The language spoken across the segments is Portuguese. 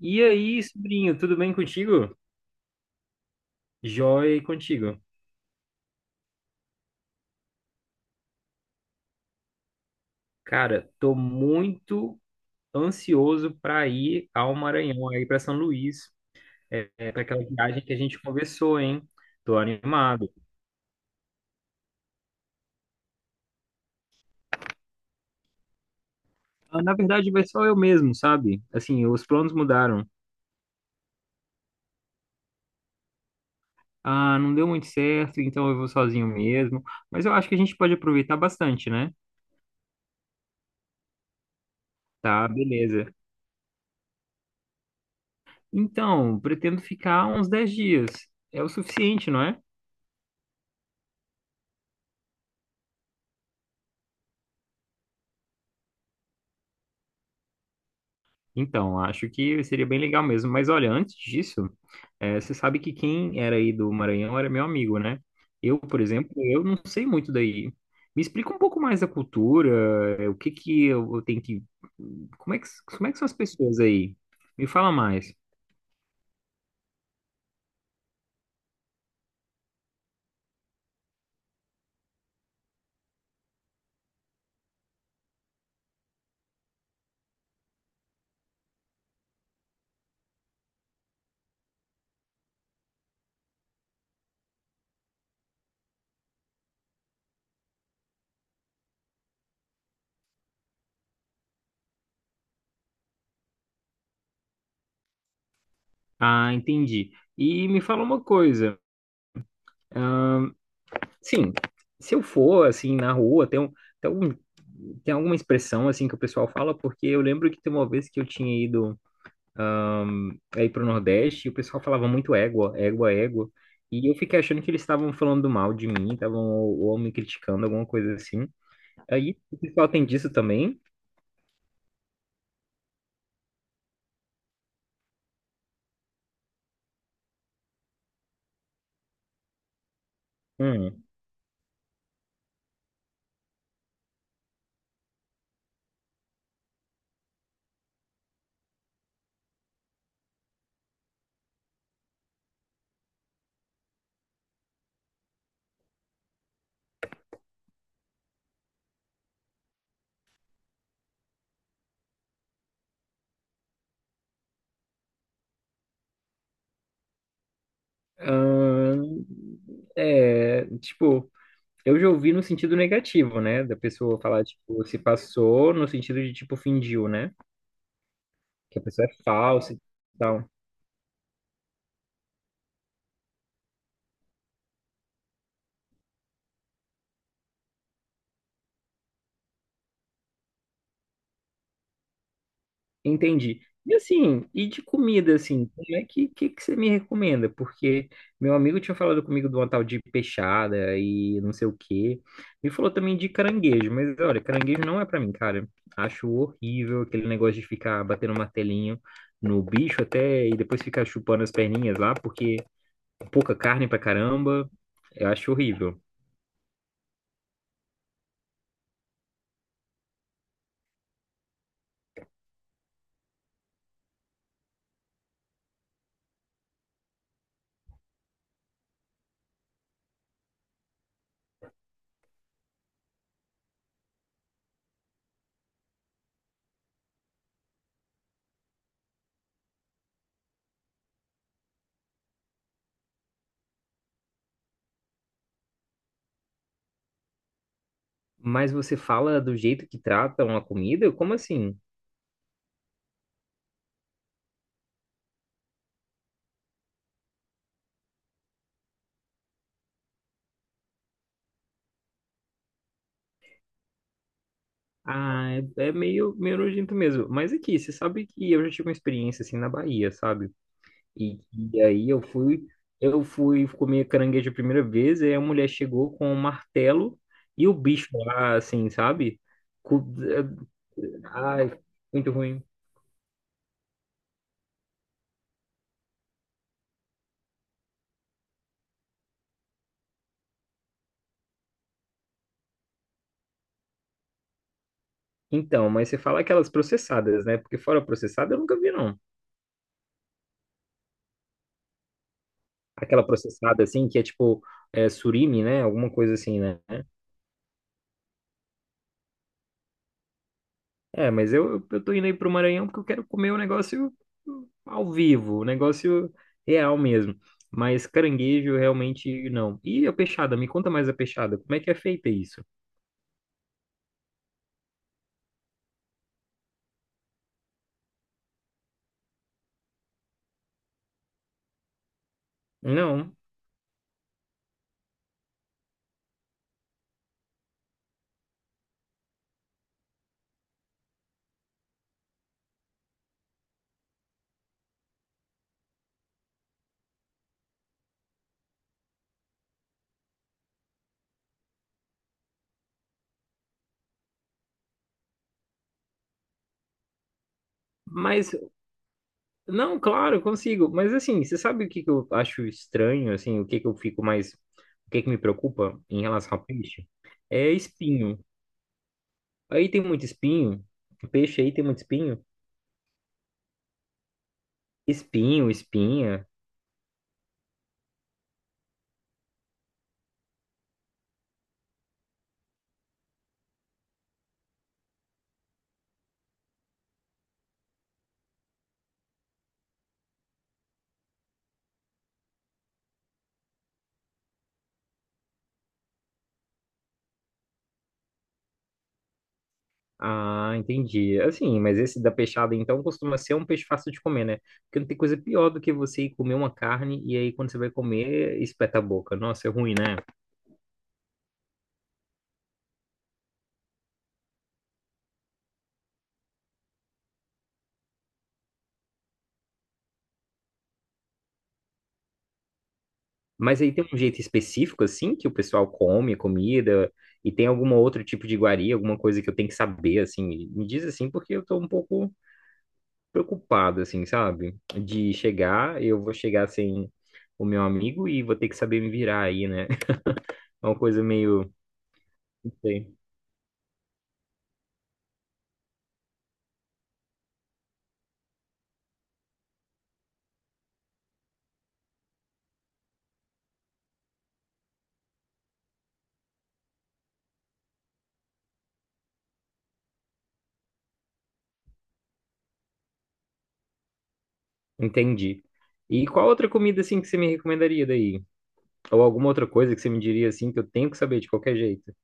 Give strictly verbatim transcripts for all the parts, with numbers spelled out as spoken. E aí, sobrinho, tudo bem contigo? Joia e contigo. Cara, tô muito ansioso para ir ao Maranhão, aí para São Luís, é, para aquela viagem que a gente conversou, hein? Tô animado. Ah, na verdade, vai só eu mesmo, sabe? Assim, os planos mudaram. Ah, não deu muito certo, então eu vou sozinho mesmo. Mas eu acho que a gente pode aproveitar bastante, né? Tá, beleza. Então, pretendo ficar uns dez dias. É o suficiente, não é? Então, acho que seria bem legal mesmo. Mas olha, antes disso, eh, você sabe que quem era aí do Maranhão era meu amigo, né? Eu, por exemplo, eu não sei muito daí. Me explica um pouco mais da cultura, eh, o que que eu eu tenho que... Como é que, como é que são as pessoas aí? Me fala mais. Ah, entendi. E me fala uma coisa. Sim, se eu for, assim, na rua, tem um, tem um, tem alguma expressão, assim, que o pessoal fala, porque eu lembro que tem uma vez que eu tinha ido aí pro Nordeste e o pessoal falava muito égua, égua, égua. E eu fiquei achando que eles estavam falando mal de mim, estavam ou, ou me criticando, alguma coisa assim. Aí o pessoal tem disso também. Hum. Ahn, é, tipo, eu já ouvi no sentido negativo, né? Da pessoa falar, tipo, se passou no sentido de, tipo, fingiu, né? Que a pessoa é falsa e tal. Entendi. E assim, e de comida, assim, como é que, que, que você me recomenda? Porque meu amigo tinha falado comigo de uma tal de peixada e não sei o quê. E falou também de caranguejo, mas olha, caranguejo não é pra mim, cara. Acho horrível aquele negócio de ficar batendo martelinho no bicho até e depois ficar chupando as perninhas lá, porque pouca carne pra caramba. Eu acho horrível. Mas você fala do jeito que tratam a comida? Como assim? Ah, é é meio, meio nojento mesmo. Mas aqui, você sabe que eu já tive uma experiência assim na Bahia, sabe? E, e aí eu fui, eu fui comer caranguejo a primeira vez, e a mulher chegou com um martelo e o bicho lá, assim, sabe? Co- ai, muito ruim. Então, mas você fala aquelas processadas, né? Porque fora processada eu nunca vi, não. Aquela processada, assim, que é tipo é, surimi, né? Alguma coisa assim, né? É, mas eu, eu tô indo aí pro Maranhão porque eu quero comer o negócio ao vivo, o negócio real mesmo. Mas caranguejo realmente não. E a peixada? Me conta mais a peixada. Como é que é feita isso? Não. Mas, não, claro, consigo. Mas assim, você sabe o que que eu acho estranho, assim, o que que eu fico mais, o que que me preocupa em relação ao peixe? É espinho. Aí tem muito espinho. Peixe aí tem muito espinho. Espinho, espinha. Ah, entendi. Assim, mas esse da peixada, então, costuma ser um peixe fácil de comer, né? Porque não tem coisa pior do que você ir comer uma carne e aí quando você vai comer, espeta a boca. Nossa, é ruim, né? Mas aí tem um jeito específico, assim, que o pessoal come a comida e tem algum outro tipo de iguaria, alguma coisa que eu tenho que saber, assim. Me diz assim, porque eu tô um pouco preocupado, assim, sabe? De chegar, eu vou chegar sem o meu amigo e vou ter que saber me virar aí, né? É uma coisa meio... Não sei. Entendi. E qual outra comida assim que você me recomendaria daí? Ou alguma outra coisa que você me diria assim que eu tenho que saber de qualquer jeito?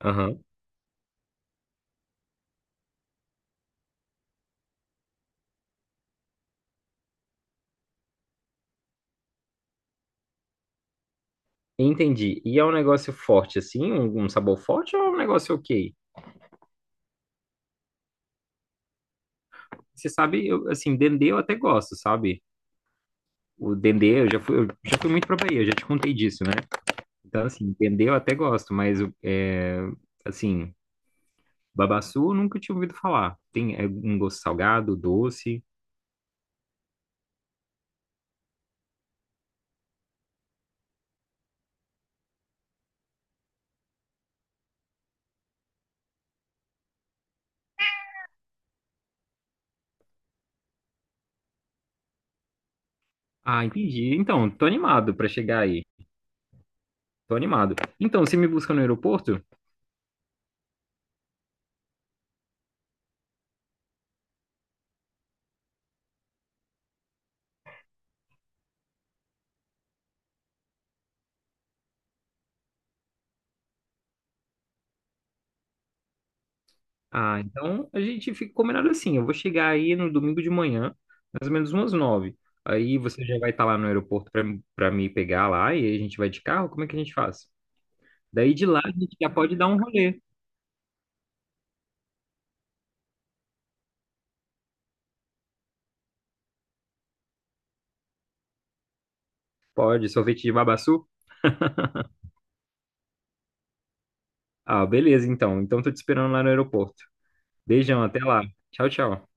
Aham. Entendi. E é um negócio forte assim, um, um sabor forte ou é um negócio ok? Você sabe, eu, assim, dendê eu até gosto, sabe? O dendê, eu já fui, eu já fui muito pra Bahia, eu já te contei disso, né? Então, assim, dendê eu até gosto, mas, é, assim, babaçu eu nunca tinha ouvido falar. Tem é, um gosto salgado, doce. Ah, entendi. Então, tô animado pra chegar aí. Tô animado. Então, você me busca no aeroporto? Ah, então a gente fica combinado assim. Eu vou chegar aí no domingo de manhã, mais ou menos umas nove. Aí você já vai estar lá no aeroporto pra para me pegar lá e a gente vai de carro? Como é que a gente faz? Daí de lá a gente já pode dar um rolê. Pode, sorvete de babaçu? Ah, beleza, então. Então tô te esperando lá no aeroporto. Beijão, até lá. Tchau, tchau.